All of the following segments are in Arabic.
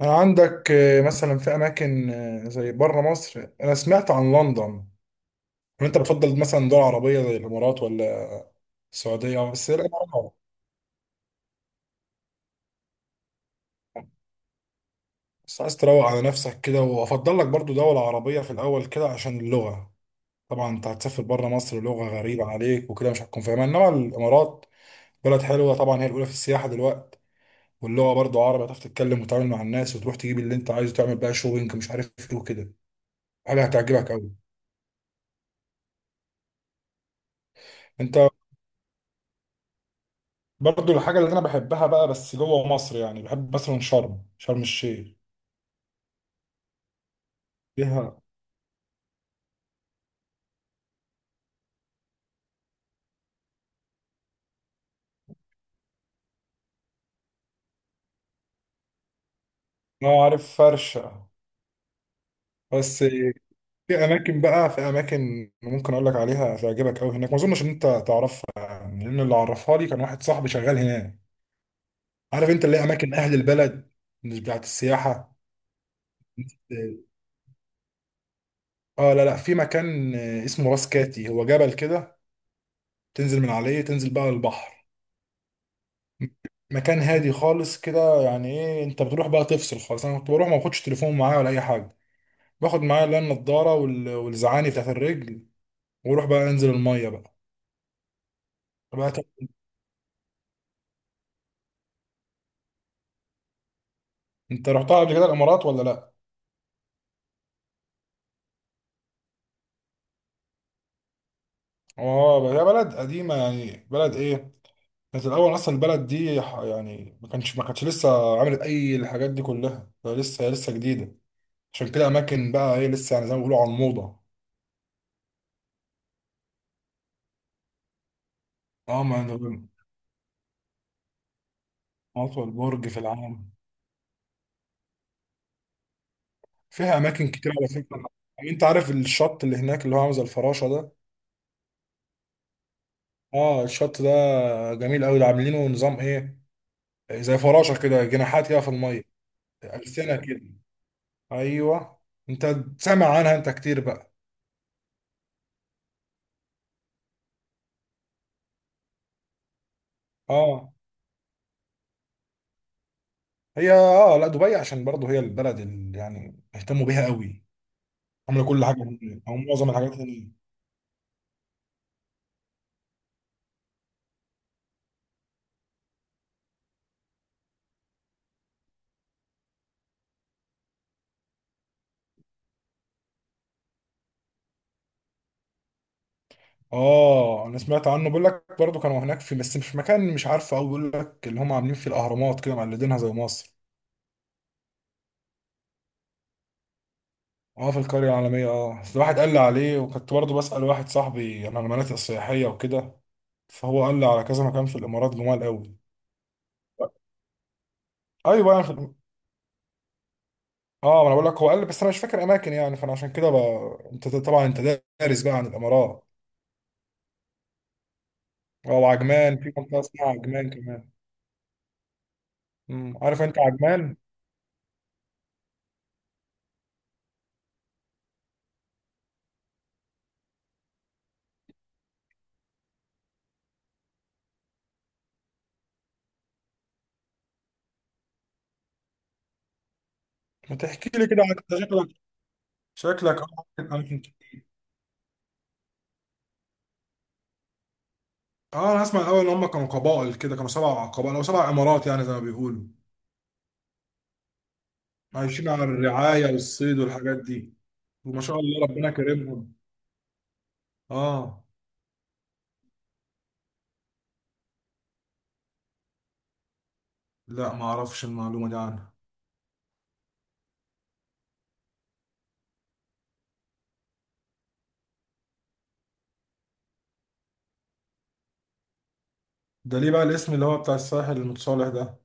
عندك مثلا في اماكن زي بره مصر، انا سمعت عن لندن. وانت بتفضل مثلا دول عربيه زي الامارات ولا السعوديه، أو بس هي الامارات؟ بس عايز تروق على نفسك كده، وافضل لك برضو دوله عربيه في الاول كده عشان اللغه. طبعا انت هتسافر بره مصر لغه غريبه عليك وكده مش هتكون فاهمها، انما الامارات بلد حلوه طبعا، هي الاولى في السياحه دلوقتي، واللغه برضو عربي هتعرف تتكلم وتتعامل مع الناس، وتروح تجيب اللي انت عايزه، تعمل بقى شوبينج مش عارف ايه وكده. حاجه هتعجبك قوي. انت برضو الحاجة اللي أنا بحبها بقى، بس جوه مصر، يعني بحب مثلا شرم الشيخ. فيها أه، عارف فرشة. بس في أماكن بقى، في أماكن ممكن أقول لك عليها تعجبك أوي هناك، ما أظنش إن أنت تعرفها يعني، لأن اللي عرفها لي كان واحد صاحبي شغال هناك. عارف أنت اللي هي أماكن أهل البلد، مش بتاعت السياحة. أه لا لا، في مكان اسمه راس كاتي، هو جبل كده تنزل من عليه، تنزل بقى البحر. مكان هادي خالص كده، يعني ايه انت بتروح بقى تفصل خالص. انا كنت بروح ما باخدش تليفون معايا ولا اي حاجه، باخد معايا اللي هي النضاره والزعاني بتاعت الرجل، واروح بقى انزل الميه بقى. بقى ت- انت رحتها قبل كده الامارات ولا لا؟ اه هي بلد قديمه يعني، بلد ايه، كانت الاول اصلا البلد دي يعني ما كانتش لسه عملت اي الحاجات دي كلها، هي لسه جديده. عشان كده اماكن بقى ايه، لسه يعني زي ما بيقولوا على الموضه. اه ما أنا- اطول برج في العالم. فيها اماكن كتير على فكره، يعني انت عارف الشط اللي هناك اللي هو عامل زي الفراشه ده؟ اه الشط ده جميل قوي، ده عاملينه نظام ايه، زي فراشه كده جناحات كده في الميه. السنه كده، ايوه. انت سامع عنها انت كتير بقى. اه هي، اه لا، دبي عشان برضه هي البلد اللي يعني اهتموا بيها قوي، عامله كل حاجه هناك، او معظم الحاجات هناك. اه انا سمعت عنه، بيقول لك برضه كانوا هناك في، بس مش في مكان مش عارفه قوي، بيقول لك اللي هم عاملين فيه الاهرامات كده مقلدينها زي مصر. اه في القرية العالمية، اه بس واحد قال لي عليه، وكنت برضه بسأل واحد صاحبي عن المناطق السياحية وكده، فهو قال لي على كذا مكان في الإمارات جمال قوي. ايوه يعني اه ما انا بقول لك هو قال لي، بس انا مش فاكر اماكن يعني، فانا عشان كده انت طبعا انت دارس بقى عن الامارات. اه، وعجمان، في منطقه اسمها عجمان كمان. عارف انت عجمان. ما تحكي لي كده عن، أنت شكلك، شكلك اه، عارف الأماكن كتير. اه انا اسمع الاول ان هم كانوا قبائل كده، كانوا سبع قبائل او سبع امارات يعني زي ما بيقولوا، عايشين على الرعايه والصيد والحاجات دي. ما شاء الله ربنا كرمهم. اه لا ما اعرفش المعلومة دي عنها. ده ليه بقى الاسم اللي هو بتاع الساحل المتصالح ده؟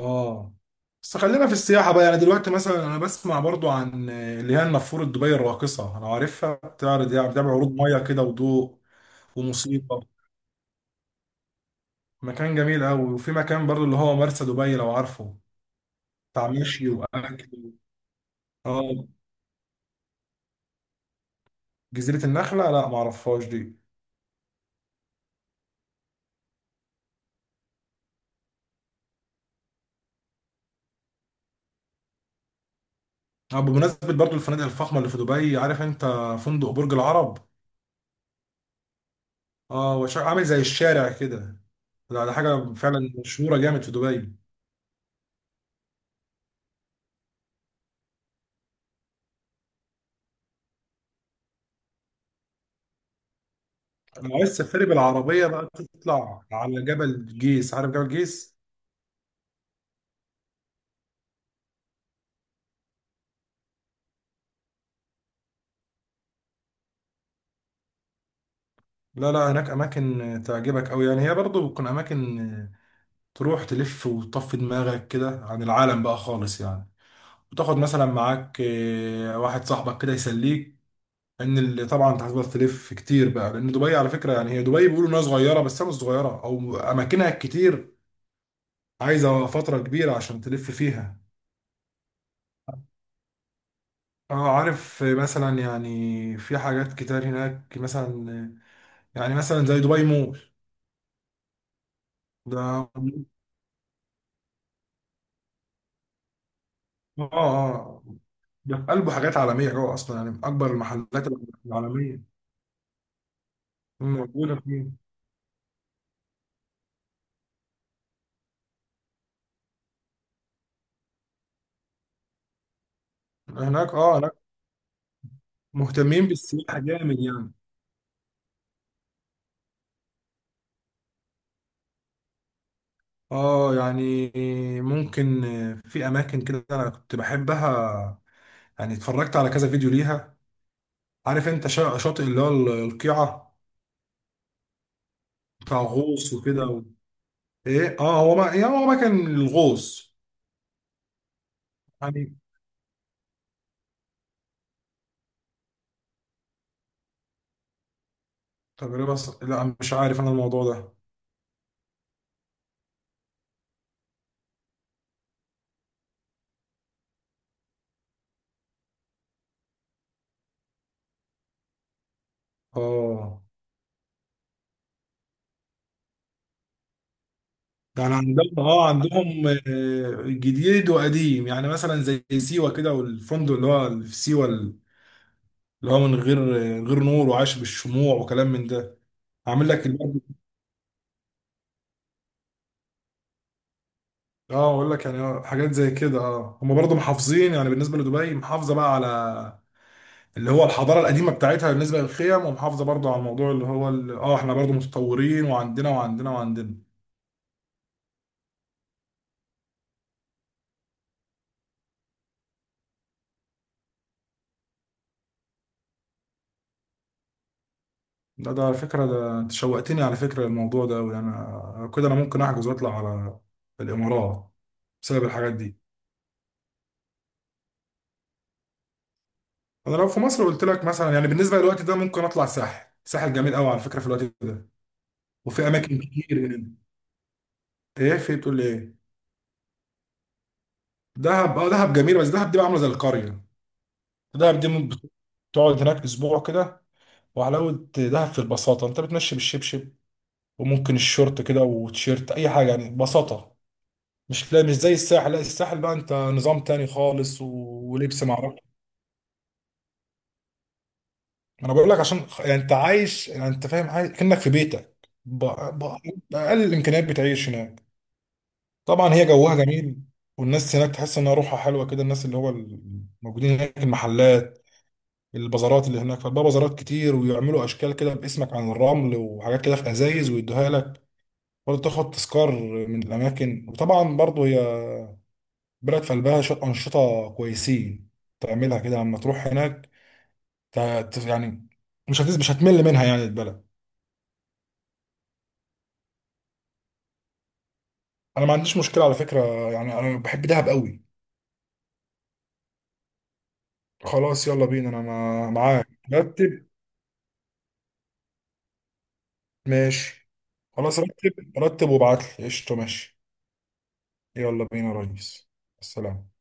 اه بس خلينا في السياحة بقى، يعني دلوقتي مثلا انا بسمع برضو عن اللي هي النافورة، دبي الراقصة، انا عارفها بتعرض يعني بتعمل عروض مية كده وضوء وموسيقى، مكان جميل قوي. وفي مكان برضو اللي هو مرسى دبي لو عارفه، بتاع مشي واكل. اه جزيرة النخلة لا ما اعرفهاش دي. اه بمناسبة برضو الفنادق الفخمة اللي في دبي، عارف انت فندق برج العرب؟ اه هو عامل زي الشارع كده، ده ده حاجه فعلا مشهوره جامد في دبي. لو عايز تسافري بالعربيه بقى تطلع على جبل جيس، عارف جبل جيس؟ لا لا، هناك اماكن تعجبك قوي يعني، هي برضه بتكون اماكن تروح تلف وتطفي دماغك كده عن العالم بقى خالص يعني، وتاخد مثلا معاك واحد صاحبك كده يسليك. ان اللي طبعا انت هتفضل تلف كتير بقى، لان دبي على فكره يعني، هي دبي بيقولوا انها صغيره بس هي مش صغيره، او اماكنها كتير، عايزه فتره كبيره عشان تلف فيها. اه عارف مثلا، يعني في حاجات كتير هناك مثلا، يعني مثلا زي دبي مول. ده اه اه ده في قلبه حاجات عالمية جوه أصلا، يعني من أكبر المحلات العالمية موجودة فيه. هناك اه، هناك مهتمين بالسياحة جامد يعني. اه يعني ممكن، في أماكن كده أنا كنت بحبها، يعني اتفرجت على كذا فيديو ليها. عارف أنت شاطئ اللي هو القيعة، بتاع غوص وكده. ايه اه، هو ما يعني هو ما كان الغوص يعني، لا مش عارف انا الموضوع ده. اه يعني عندهم، اه عندهم جديد وقديم، يعني مثلا زي سيوة كده، والفندق اللي هو في سيوة اللي هو من غير، غير نور وعايش بالشموع وكلام من ده، عامل لك اه اقول لك يعني، حاجات زي كده. اه هم برضه محافظين يعني، بالنسبة لدبي محافظة بقى على اللي هو الحضاره القديمه بتاعتها بالنسبه للخيم، ومحافظه برضو على الموضوع اللي هو اه احنا برضو متطورين، وعندنا وعندنا وعندنا. ده ده على فكرة، ده انت شوقتني على فكرة الموضوع ده أوي، يعني أنا كده أنا ممكن أحجز وأطلع على الإمارات بسبب الحاجات دي. أنا لو في مصر قلت لك مثلا، يعني بالنسبة للوقت ده ممكن أطلع الساحل، الساحل جميل أوي على فكرة في الوقت ده، وفي أماكن كتير هنا. إيه في إيه؟ بتقول لي إيه؟ دهب أه، دهب جميل، بس دهب دي بقى عاملة زي القرية. دهب دي ممكن تقعد هناك أسبوع كده، وحلاوة دهب في البساطة، أنت بتمشي بالشبشب وممكن الشورت كده وتيشيرت أي حاجة، يعني بساطة. مش، لا مش زي الساحل، لا الساحل بقى انت نظام تاني خالص و... ولبس ما اعرفش. انا بقول لك عشان يعني انت عايش، يعني انت فاهم عايش كأنك في بيتك ب... ب... بأقل الامكانيات بتعيش هناك. طبعا هي جوها جميل، والناس هناك تحس انها روحها حلوه كده، الناس اللي هو الموجودين هناك، المحلات، البازارات اللي هناك، فبقى بازارات كتير ويعملوا اشكال كده باسمك عن الرمل وحاجات كده في ازايز ويدوها لك برضه، تاخد تذكار من الاماكن. وطبعا برضه هي بلد في قلبها شويه انشطه كويسين تعملها كده لما تروح هناك، ت- يعني مش هتمل منها يعني البلد. انا ما عنديش مشكله على فكره، يعني انا بحب دهب قوي. خلاص يلا بينا، انا معاك، رتب. ماشي خلاص، رتب رتب وابعت لي قشطه. ماشي يلا بينا يا ريس. السلام.